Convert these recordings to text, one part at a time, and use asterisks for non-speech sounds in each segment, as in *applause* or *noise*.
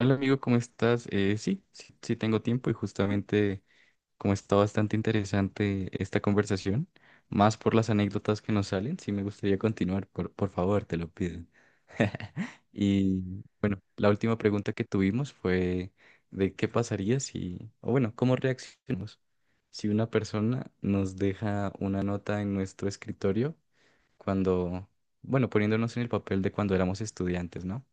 Hola amigo, ¿cómo estás? Sí, tengo tiempo y justamente como está bastante interesante esta conversación, más por las anécdotas que nos salen, sí me gustaría continuar, por favor, te lo pido. *laughs* Y la última pregunta que tuvimos fue de qué pasaría si, o bueno, cómo reaccionamos si una persona nos deja una nota en nuestro escritorio cuando, bueno, poniéndonos en el papel de cuando éramos estudiantes, ¿no?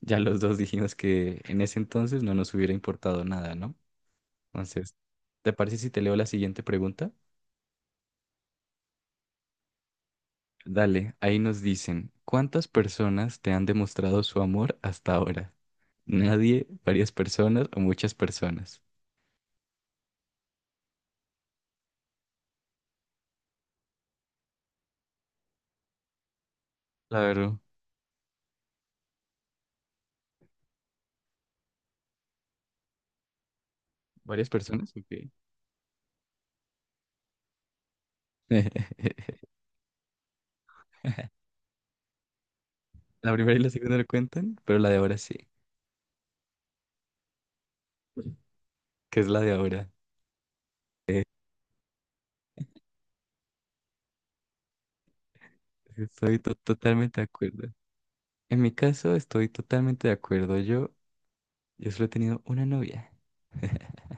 Ya los dos dijimos que en ese entonces no nos hubiera importado nada, ¿no? Entonces, ¿te parece si te leo la siguiente pregunta? Dale, ahí nos dicen, ¿cuántas personas te han demostrado su amor hasta ahora? ¿Nadie, varias personas o muchas personas? Claro, varias personas, ok. *laughs* La primera y la segunda no cuentan, pero la de ahora sí, que es la de ahora. *laughs* Estoy totalmente de acuerdo. En mi caso estoy totalmente de acuerdo. Yo solo he tenido una novia. *laughs*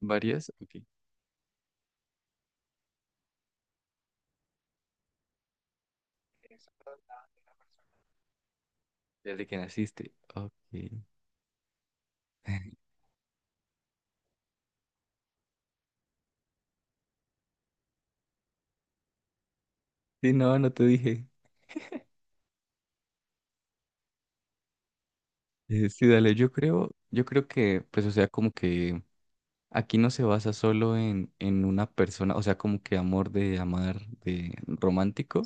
¿Varias? Ok. Desde que naciste. Ok. *laughs* Sí, no, no te dije. Sí, dale, yo creo que, pues, o sea, como que aquí no se basa solo en una persona, o sea, como que amor de amar, de romántico,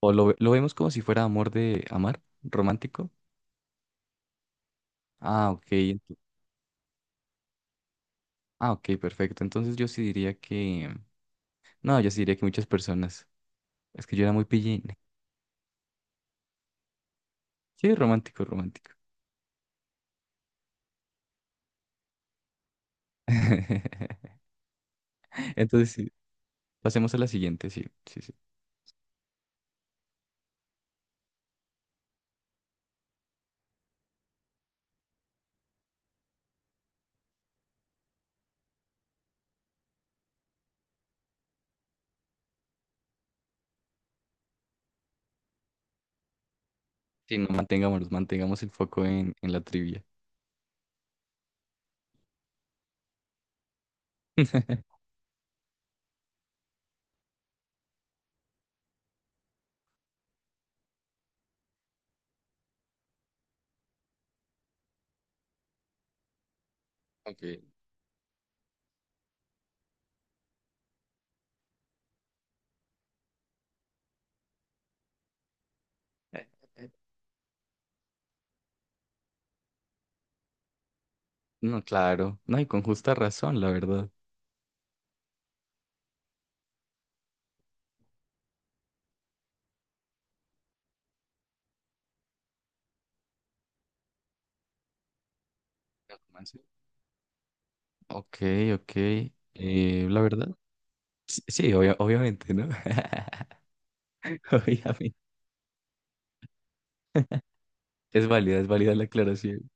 o lo, lo vemos como si fuera amor de amar, romántico. Ah, ok, ento- ah, ok, perfecto. Entonces yo sí diría que, no, yo sí diría que muchas personas. Es que yo era muy pillín. Sí, romántico, romántico. *laughs* Entonces, sí, pasemos a la siguiente, sí, sí, sí. Sí, no mantengamos el foco en la trivia. *laughs* Ok. Eh, no, claro. No, y con justa razón, la verdad. ¿El romance? Ok, ok. La verdad. Sí, sí, obviamente, ¿no? *laughs* Obviamente. Es válida la aclaración.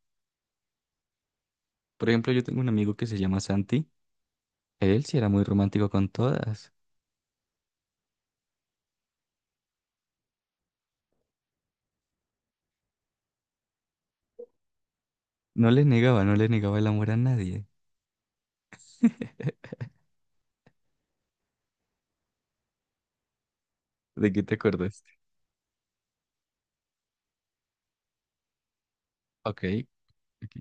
Por ejemplo, yo tengo un amigo que se llama Santi. Él sí era muy romántico con todas. No le negaba, no le negaba el amor a nadie. *laughs* ¿De qué te acordaste? Ok, ok.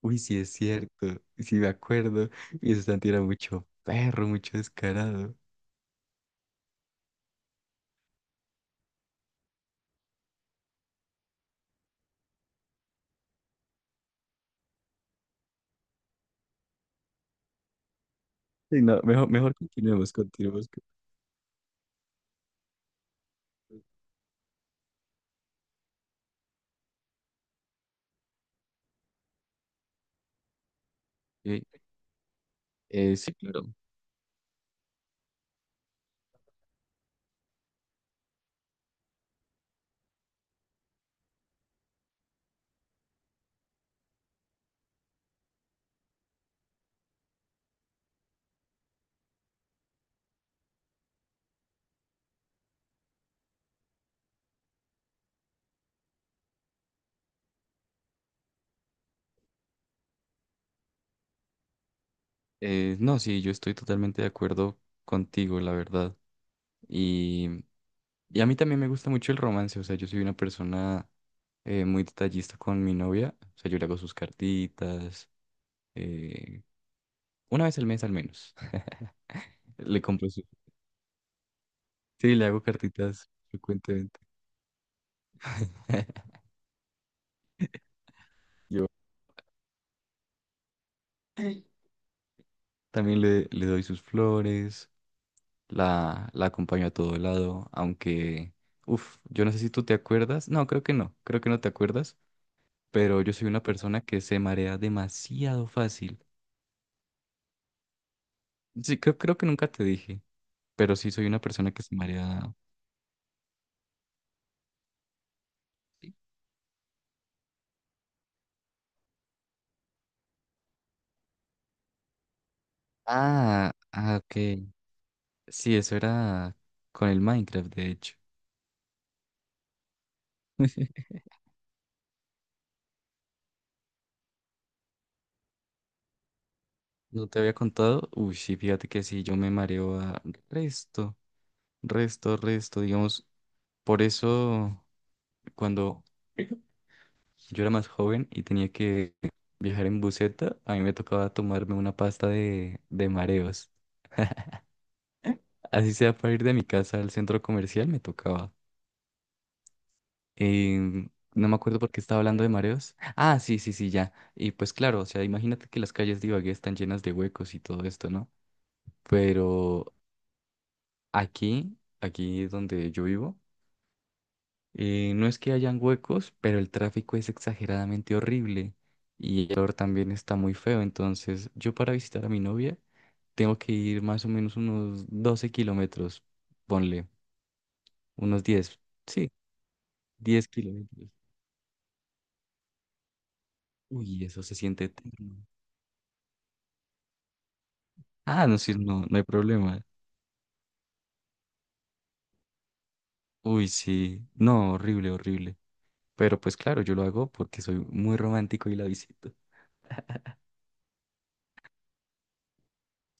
Uy, sí es cierto. Sí me acuerdo. Y ese Santi era mucho perro, mucho descarado. Sí, no, mejor, mejor continuemos, continuemos. Eh, sí, claro. No, sí, yo estoy totalmente de acuerdo contigo, la verdad. Y, y a mí también me gusta mucho el romance. O sea, yo soy una persona muy detallista con mi novia. O sea, yo le hago sus cartitas. eh, una vez al mes al menos. *laughs* Le compro su... Sí, le hago cartitas frecuentemente. *laughs* Yo también le doy sus flores, la acompaño a todo lado, aunque, uff, yo no sé si tú te acuerdas, no, creo que no, creo que no te acuerdas, pero yo soy una persona que se marea demasiado fácil. Sí, creo que nunca te dije, pero sí soy una persona que se marea. ¿Sí? Ah, ah, ok. Sí, eso era con el Minecraft, de hecho. *laughs* ¿No te había contado? Uy, sí, fíjate que sí, yo me mareo a resto, resto, resto, digamos, por eso. Cuando yo era más joven y tenía que viajar en buseta, a mí me tocaba tomarme una pasta de mareos. Así sea para ir de mi casa al centro comercial, me tocaba. No me acuerdo por qué estaba hablando de mareos. Ah, sí, sí, sí, ya. Y pues claro, o sea, imagínate que las calles de Ibagué están llenas de huecos y todo esto, ¿no? Pero aquí donde yo vivo, eh, no es que hayan huecos, pero el tráfico es exageradamente horrible y el calor también está muy feo. Entonces, yo para visitar a mi novia tengo que ir más o menos unos 12 kilómetros, ponle, unos 10, sí, 10 kilómetros. Uy, eso se siente eterno. Ah, no, sí, no, no hay problema. Uy, sí, no, horrible, horrible. Pero pues claro, yo lo hago porque soy muy romántico y la visito.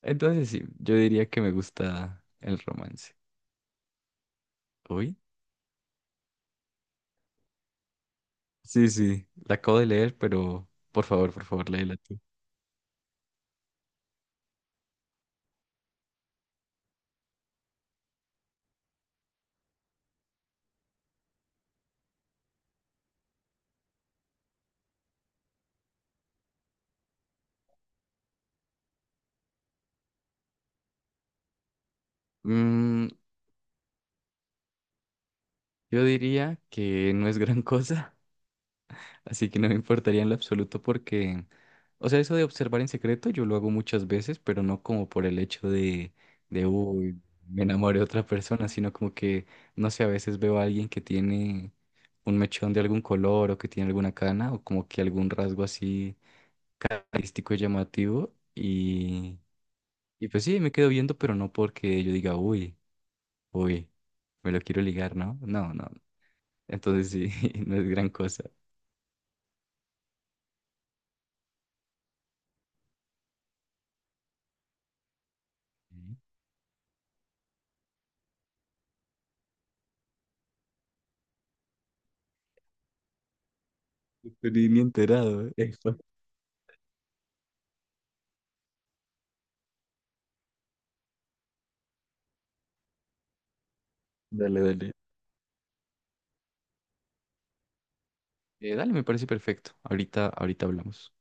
Entonces, sí, yo diría que me gusta el romance. Uy. Sí, sí, la acabo de leer, pero por favor, léela tú. Mm, yo diría que no es gran cosa, *laughs* así que no me importaría en lo absoluto porque, o sea, eso de observar en secreto yo lo hago muchas veces, pero no como por el hecho uy, me enamoré de otra persona, sino como que, no sé, a veces veo a alguien que tiene un mechón de algún color o que tiene alguna cana o como que algún rasgo así artístico y llamativo y pues sí, me quedo viendo, pero no porque yo diga, uy. Uy, me lo quiero ligar, ¿no? No, no. Entonces sí, *laughs* no es gran cosa. Ujú. Pero ni enterado. *laughs* Dale, dale. Dale, me parece perfecto. Ahorita, ahorita hablamos.